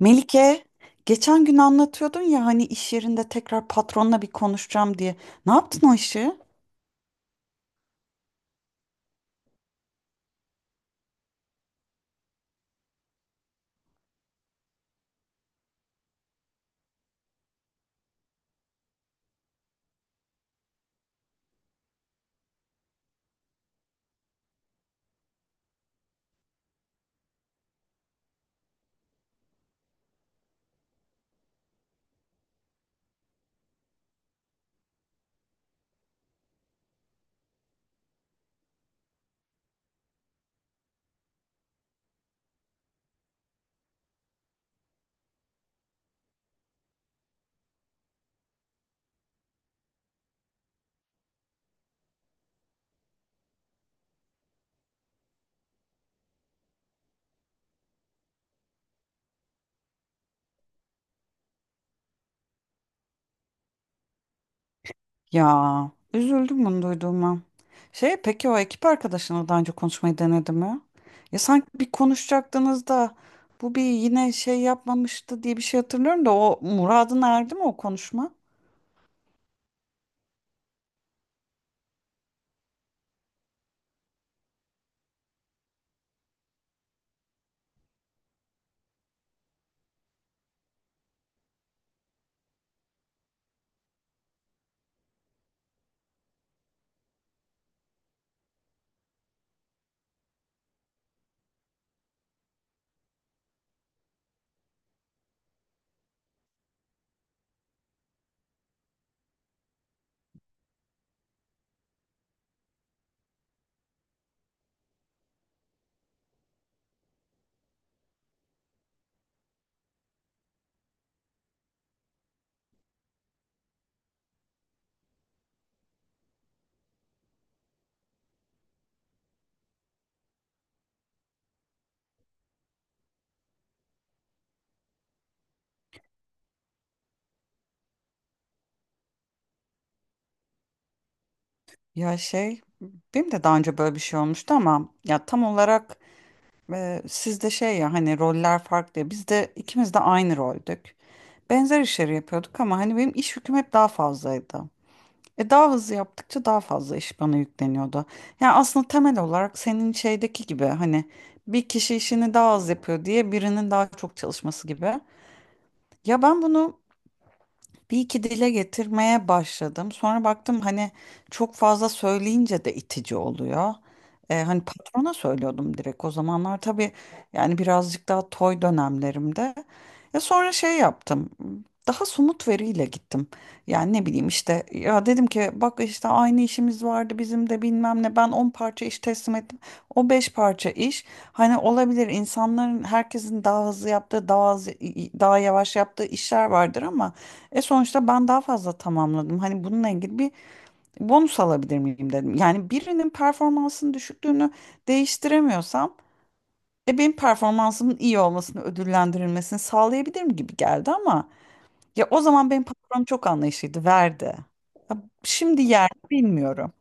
Melike, geçen gün anlatıyordun ya hani iş yerinde tekrar patronla bir konuşacağım diye. Ne yaptın o işi? Ya, üzüldüm bunu duyduğuma. Şey, peki o ekip arkadaşınla daha önce konuşmayı denedi mi? Ya sanki bir konuşacaktınız da bu bir yine şey yapmamıştı diye bir şey hatırlıyorum da o muradına erdi mi o konuşma? Ya şey, benim de daha önce böyle bir şey olmuştu ama ya tam olarak sizde şey, ya hani roller farklı. Ya biz de ikimiz de aynı roldük, benzer işleri yapıyorduk ama hani benim iş yüküm hep daha fazlaydı. E, daha hızlı yaptıkça daha fazla iş bana yükleniyordu. Yani aslında temel olarak senin şeydeki gibi, hani bir kişi işini daha az yapıyor diye birinin daha çok çalışması gibi. Ya ben bunu bir iki dile getirmeye başladım. Sonra baktım, hani çok fazla söyleyince de itici oluyor. Hani patrona söylüyordum direkt, o zamanlar tabii yani birazcık daha toy dönemlerimde. Ya sonra şey yaptım. Daha somut veriyle gittim. Yani ne bileyim, işte ya dedim ki bak işte aynı işimiz vardı bizim de, bilmem ne, ben 10 parça iş teslim ettim. O 5 parça iş. Hani olabilir, insanların, herkesin daha hızlı yaptığı, daha az, daha yavaş yaptığı işler vardır ama e, sonuçta ben daha fazla tamamladım. Hani bununla ilgili bir bonus alabilir miyim dedim. Yani birinin performansının düşüklüğünü değiştiremiyorsam e, benim performansımın iyi olmasını, ödüllendirilmesini sağlayabilirim gibi geldi ama ya o zaman benim patronum çok anlayışlıydı, verdi. Ya şimdi yer mi bilmiyorum.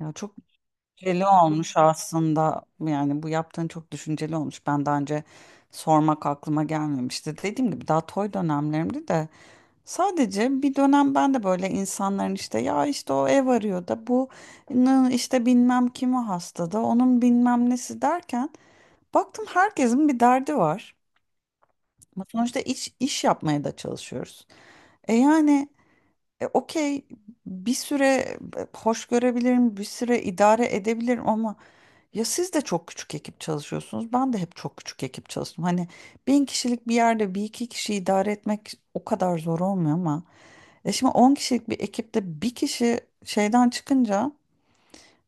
Ya çok düşünceli olmuş aslında. Yani bu yaptığın çok düşünceli olmuş. Ben daha önce sormak aklıma gelmemişti. Dediğim gibi daha toy dönemlerimdi de, sadece bir dönem ben de böyle insanların, işte ya işte o ev arıyor da, bu işte bilmem kimi hasta da, onun bilmem nesi derken baktım herkesin bir derdi var. Ama sonuçta iş yapmaya da çalışıyoruz. E, yani okey, bir süre hoş görebilirim, bir süre idare edebilirim ama ya siz de çok küçük ekip çalışıyorsunuz. Ben de hep çok küçük ekip çalıştım. Hani bin kişilik bir yerde bir iki kişi idare etmek o kadar zor olmuyor ama. E, şimdi 10 kişilik bir ekipte bir kişi şeyden çıkınca,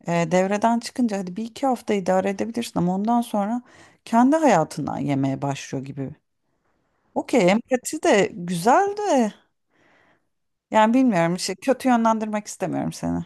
devreden çıkınca, hadi bir iki hafta idare edebilirsin ama ondan sonra kendi hayatından yemeye başlıyor gibi. Okey, empati de güzel de, yani bilmiyorum işte, kötü yönlendirmek istemiyorum seni.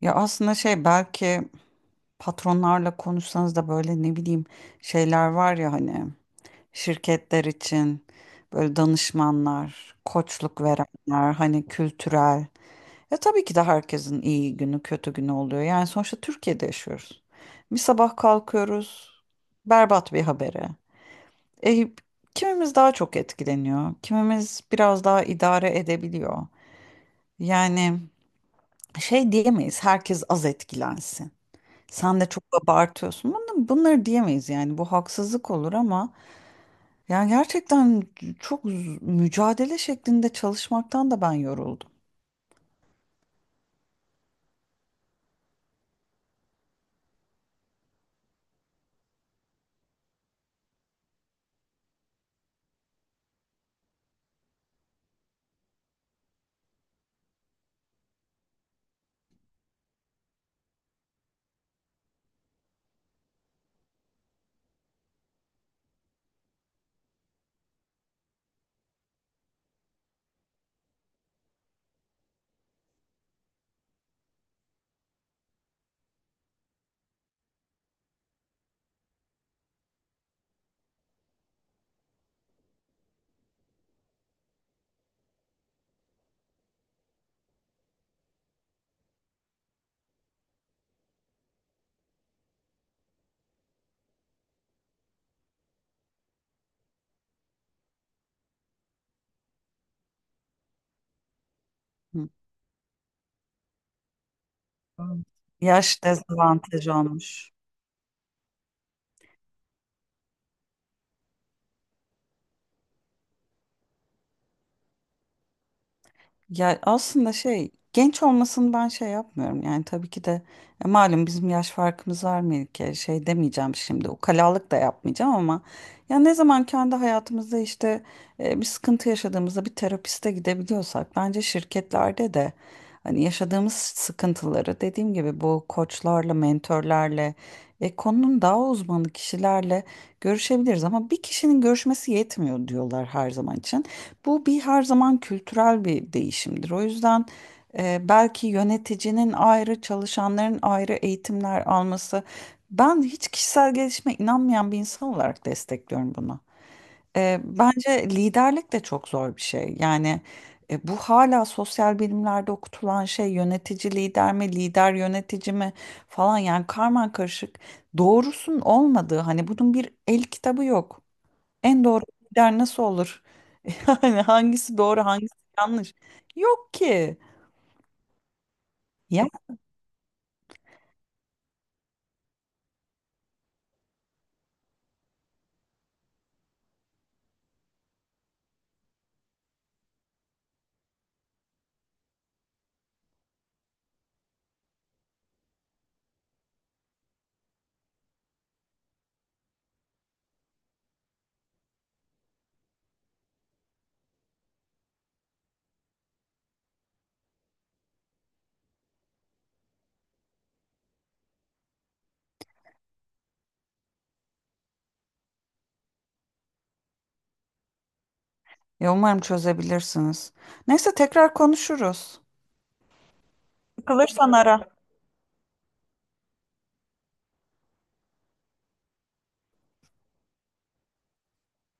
Ya aslında şey, belki patronlarla konuşsanız da, böyle ne bileyim şeyler var ya, hani şirketler için böyle danışmanlar, koçluk verenler, hani kültürel. Ya tabii ki de herkesin iyi günü, kötü günü oluyor. Yani sonuçta Türkiye'de yaşıyoruz. Bir sabah kalkıyoruz berbat bir habere. E, kimimiz daha çok etkileniyor, kimimiz biraz daha idare edebiliyor. Yani şey diyemeyiz, herkes az etkilensin. Sen de çok abartıyorsun. Bunları diyemeyiz, yani bu haksızlık olur ama yani gerçekten çok mücadele şeklinde çalışmaktan da ben yoruldum. Hı. Hı. Yaş dezavantajı olmuş. Ya aslında şey, genç olmasını ben şey yapmıyorum, yani tabii ki de malum bizim yaş farkımız var Melike, şey demeyeceğim şimdi, ukalalık da yapmayacağım ama ya ne zaman kendi hayatımızda işte bir sıkıntı yaşadığımızda bir terapiste gidebiliyorsak, bence şirketlerde de hani yaşadığımız sıkıntıları, dediğim gibi, bu koçlarla, mentorlarla, konunun daha uzmanı kişilerle görüşebiliriz ama bir kişinin görüşmesi yetmiyor diyorlar her zaman için. Bu bir her zaman kültürel bir değişimdir. O yüzden belki yöneticinin ayrı, çalışanların ayrı eğitimler alması. Ben hiç kişisel gelişime inanmayan bir insan olarak destekliyorum bunu. Bence liderlik de çok zor bir şey. Yani bu hala sosyal bilimlerde okutulan şey, yönetici lider mi, lider yönetici mi falan, yani karman karışık doğrusun olmadığı, hani bunun bir el kitabı yok. En doğru lider nasıl olur? Yani hangisi doğru, hangisi yanlış? Yok ki. Ya, ya umarım çözebilirsiniz. Neyse tekrar konuşuruz. Sıkılırsan ara.